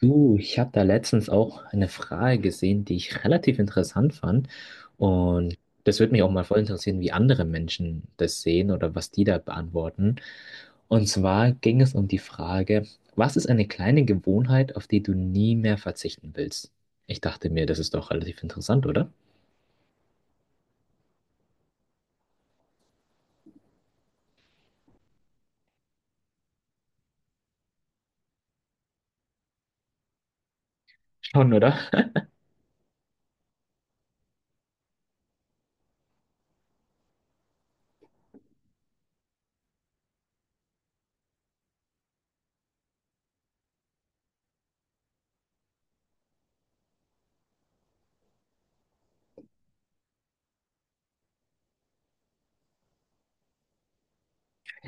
Du, ich habe da letztens auch eine Frage gesehen, die ich relativ interessant fand. Und das würde mich auch mal voll interessieren, wie andere Menschen das sehen oder was die da beantworten. Und zwar ging es um die Frage, was ist eine kleine Gewohnheit, auf die du nie mehr verzichten willst? Ich dachte mir, das ist doch relativ interessant, oder? Schon, oder?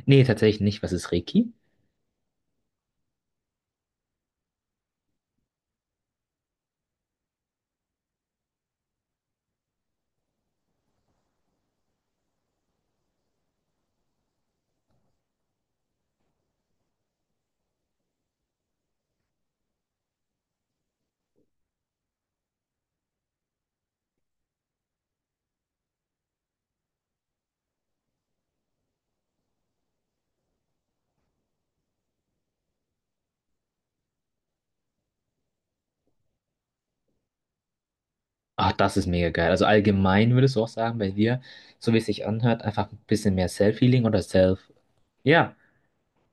Nee, tatsächlich nicht. Was ist Reiki? Ach, das ist mega geil. Also allgemein würdest du auch sagen, bei dir, so wie es sich anhört, einfach ein bisschen mehr Self-Healing oder Self. Ja,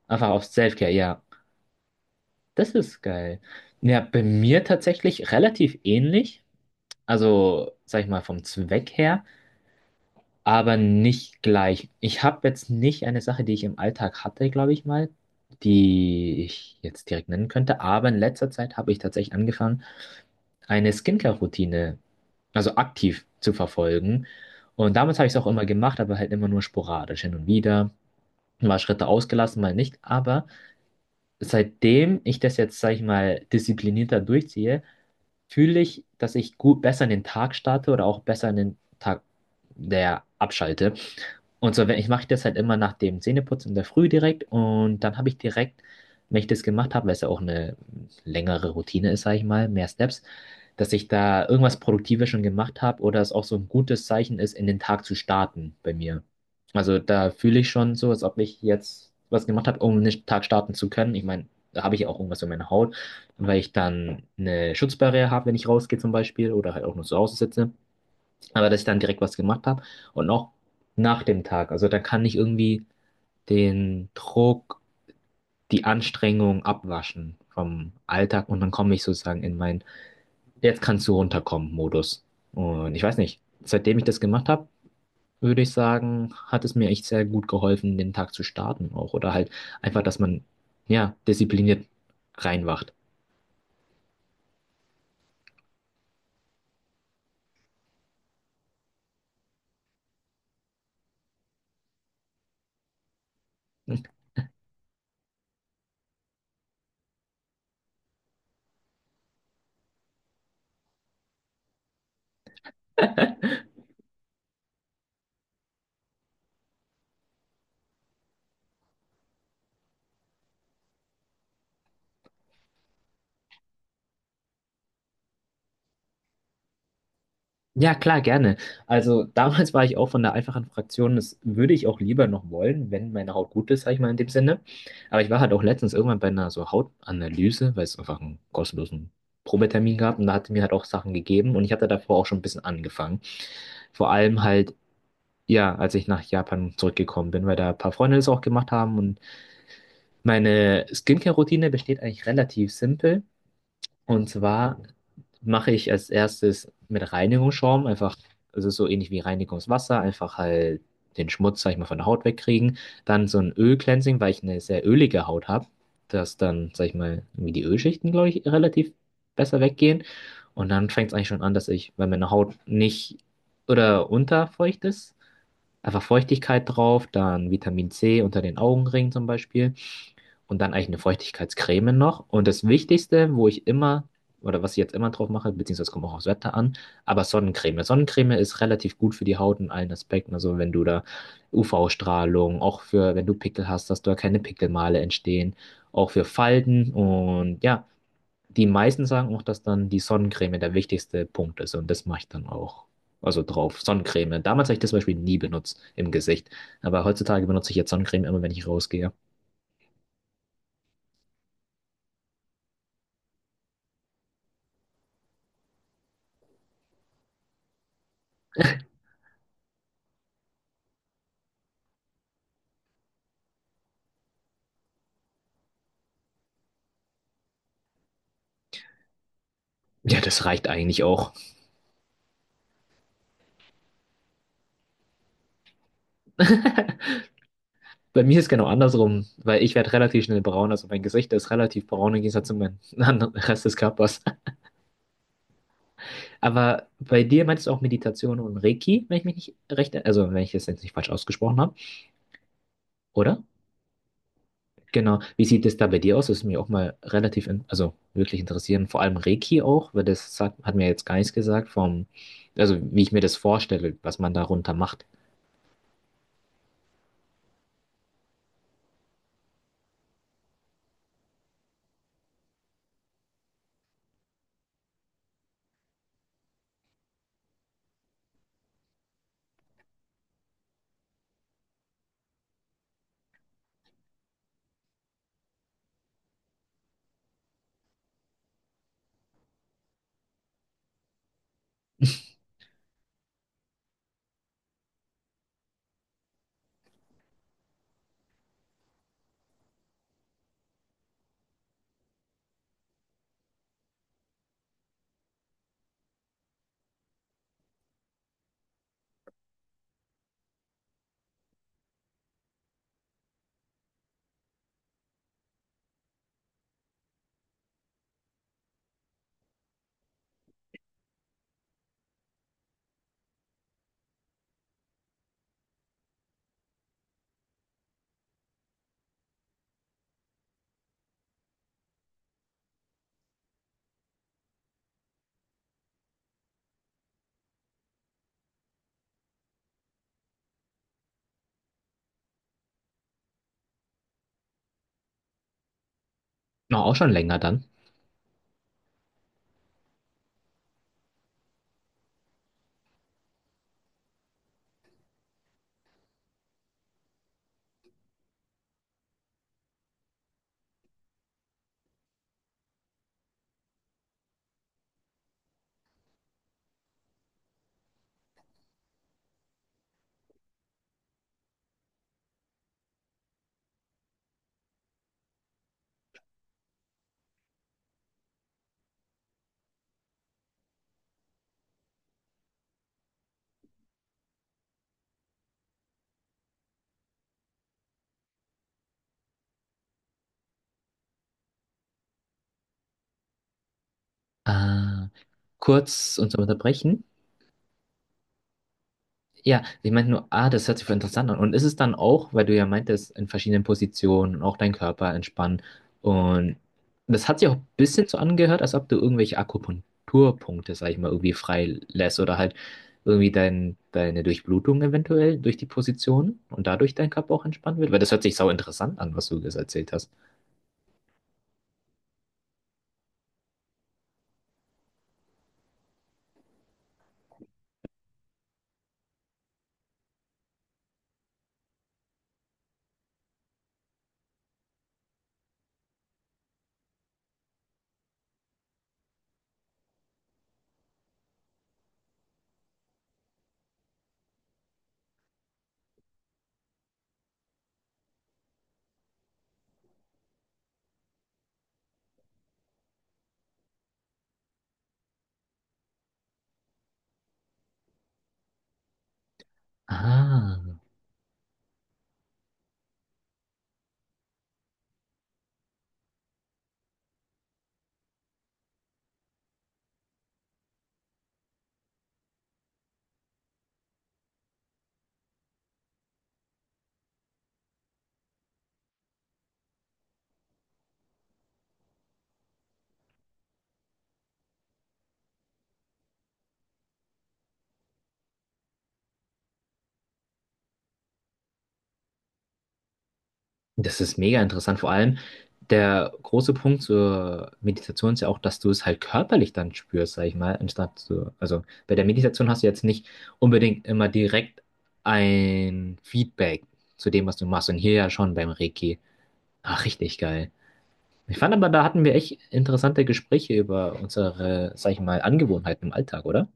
einfach auf Self-Care, ja. Das ist geil. Ja, bei mir tatsächlich relativ ähnlich. Also, sag ich mal, vom Zweck her, aber nicht gleich. Ich habe jetzt nicht eine Sache, die ich im Alltag hatte, glaube ich mal, die ich jetzt direkt nennen könnte. Aber in letzter Zeit habe ich tatsächlich angefangen, eine Skincare-Routine, also aktiv zu verfolgen. Und damals habe ich es auch immer gemacht, aber halt immer nur sporadisch hin und wieder. Mal Schritte ausgelassen, mal nicht. Aber seitdem ich das jetzt, sag ich mal, disziplinierter durchziehe, fühle ich, dass ich gut besser in den Tag starte oder auch besser in den Tag, der abschalte. Und so, wenn ich mache das halt immer nach dem Zähneputzen in der Früh direkt und dann habe ich direkt, wenn ich das gemacht habe, weil es ja auch eine längere Routine ist, sage ich mal, mehr Steps, dass ich da irgendwas Produktives schon gemacht habe oder es auch so ein gutes Zeichen ist, in den Tag zu starten bei mir. Also da fühle ich schon so, als ob ich jetzt was gemacht habe, um den Tag starten zu können. Ich meine, da habe ich ja auch irgendwas in meiner Haut, weil ich dann eine Schutzbarriere habe, wenn ich rausgehe zum Beispiel oder halt auch nur zu Hause sitze. Aber dass ich dann direkt was gemacht habe und auch nach dem Tag. Also dann kann ich irgendwie den Druck, die Anstrengung abwaschen vom Alltag und dann komme ich sozusagen in meinen Jetzt kannst du runterkommen Modus. Und ich weiß nicht, seitdem ich das gemacht habe, würde ich sagen, hat es mir echt sehr gut geholfen, den Tag zu starten auch. Oder halt einfach, dass man ja diszipliniert reinwacht. Ja, klar, gerne. Also damals war ich auch von der einfachen Fraktion, das würde ich auch lieber noch wollen, wenn meine Haut gut ist, sag ich mal in dem Sinne. Aber ich war halt auch letztens irgendwann bei einer so Hautanalyse, weil es einfach einen kostenlosen Probetermin gab und da hatte mir halt auch Sachen gegeben und ich hatte davor auch schon ein bisschen angefangen. Vor allem halt, ja, als ich nach Japan zurückgekommen bin, weil da ein paar Freunde das auch gemacht haben und meine Skincare-Routine besteht eigentlich relativ simpel. Und zwar mache ich als erstes mit Reinigungsschaum einfach, also so ähnlich wie Reinigungswasser, einfach halt den Schmutz, sag ich mal, von der Haut wegkriegen. Dann so ein Ölcleansing, weil ich eine sehr ölige Haut habe, dass dann, sag ich mal, irgendwie die Ölschichten, glaube ich, relativ besser weggehen. Und dann fängt es eigentlich schon an, dass ich, wenn meine Haut nicht oder unterfeucht ist, einfach Feuchtigkeit drauf, dann Vitamin C unter den Augenringen zum Beispiel und dann eigentlich eine Feuchtigkeitscreme noch. Und das Wichtigste, wo ich immer, oder was ich jetzt immer drauf mache, beziehungsweise kommt auch aufs Wetter an, aber Sonnencreme. Sonnencreme ist relativ gut für die Haut in allen Aspekten. Also wenn du da UV-Strahlung, auch für, wenn du Pickel hast, dass da keine Pickelmale entstehen, auch für Falten. Und ja, die meisten sagen auch, dass dann die Sonnencreme der wichtigste Punkt ist. Und das mache ich dann auch. Also drauf, Sonnencreme. Damals habe ich das zum Beispiel nie benutzt im Gesicht. Aber heutzutage benutze ich jetzt Sonnencreme immer, wenn ich rausgehe. Ja, das reicht eigentlich auch. Bei mir ist genau andersrum, weil ich werde relativ schnell braun, also mein Gesicht ist relativ braun im Gegensatz zu meinem anderen Rest des Körpers. Aber bei dir meinst du auch Meditation und Reiki, wenn ich mich nicht recht, also wenn ich das jetzt nicht falsch ausgesprochen habe, oder? Genau. Wie sieht es da bei dir aus? Das ist mir auch mal relativ, in, also wirklich interessieren, vor allem Reiki auch, weil das sagt, hat mir jetzt gar nichts gesagt vom, also wie ich mir das vorstelle, was man darunter macht. Noch auch schon länger dann. Äh, kurz uns unterbrechen. Ja, ich meinte nur, ah, das hört sich voll interessant an. Und ist es dann auch, weil du ja meintest, in verschiedenen Positionen und auch deinen Körper entspannen. Und das hat sich auch ein bisschen so angehört, als ob du irgendwelche Akupunkturpunkte, sag ich mal, irgendwie freilässt oder halt irgendwie deine Durchblutung eventuell durch die Position und dadurch dein Körper auch entspannt wird. Weil das hört sich sau interessant an, was du jetzt erzählt hast. Ah. Das ist mega interessant. Vor allem der große Punkt zur Meditation ist ja auch, dass du es halt körperlich dann spürst, sag ich mal, anstatt so, also bei der Meditation hast du jetzt nicht unbedingt immer direkt ein Feedback zu dem, was du machst. Und hier ja schon beim Reiki. Ach, richtig geil. Ich fand aber, da hatten wir echt interessante Gespräche über unsere, sag ich mal, Angewohnheiten im Alltag, oder?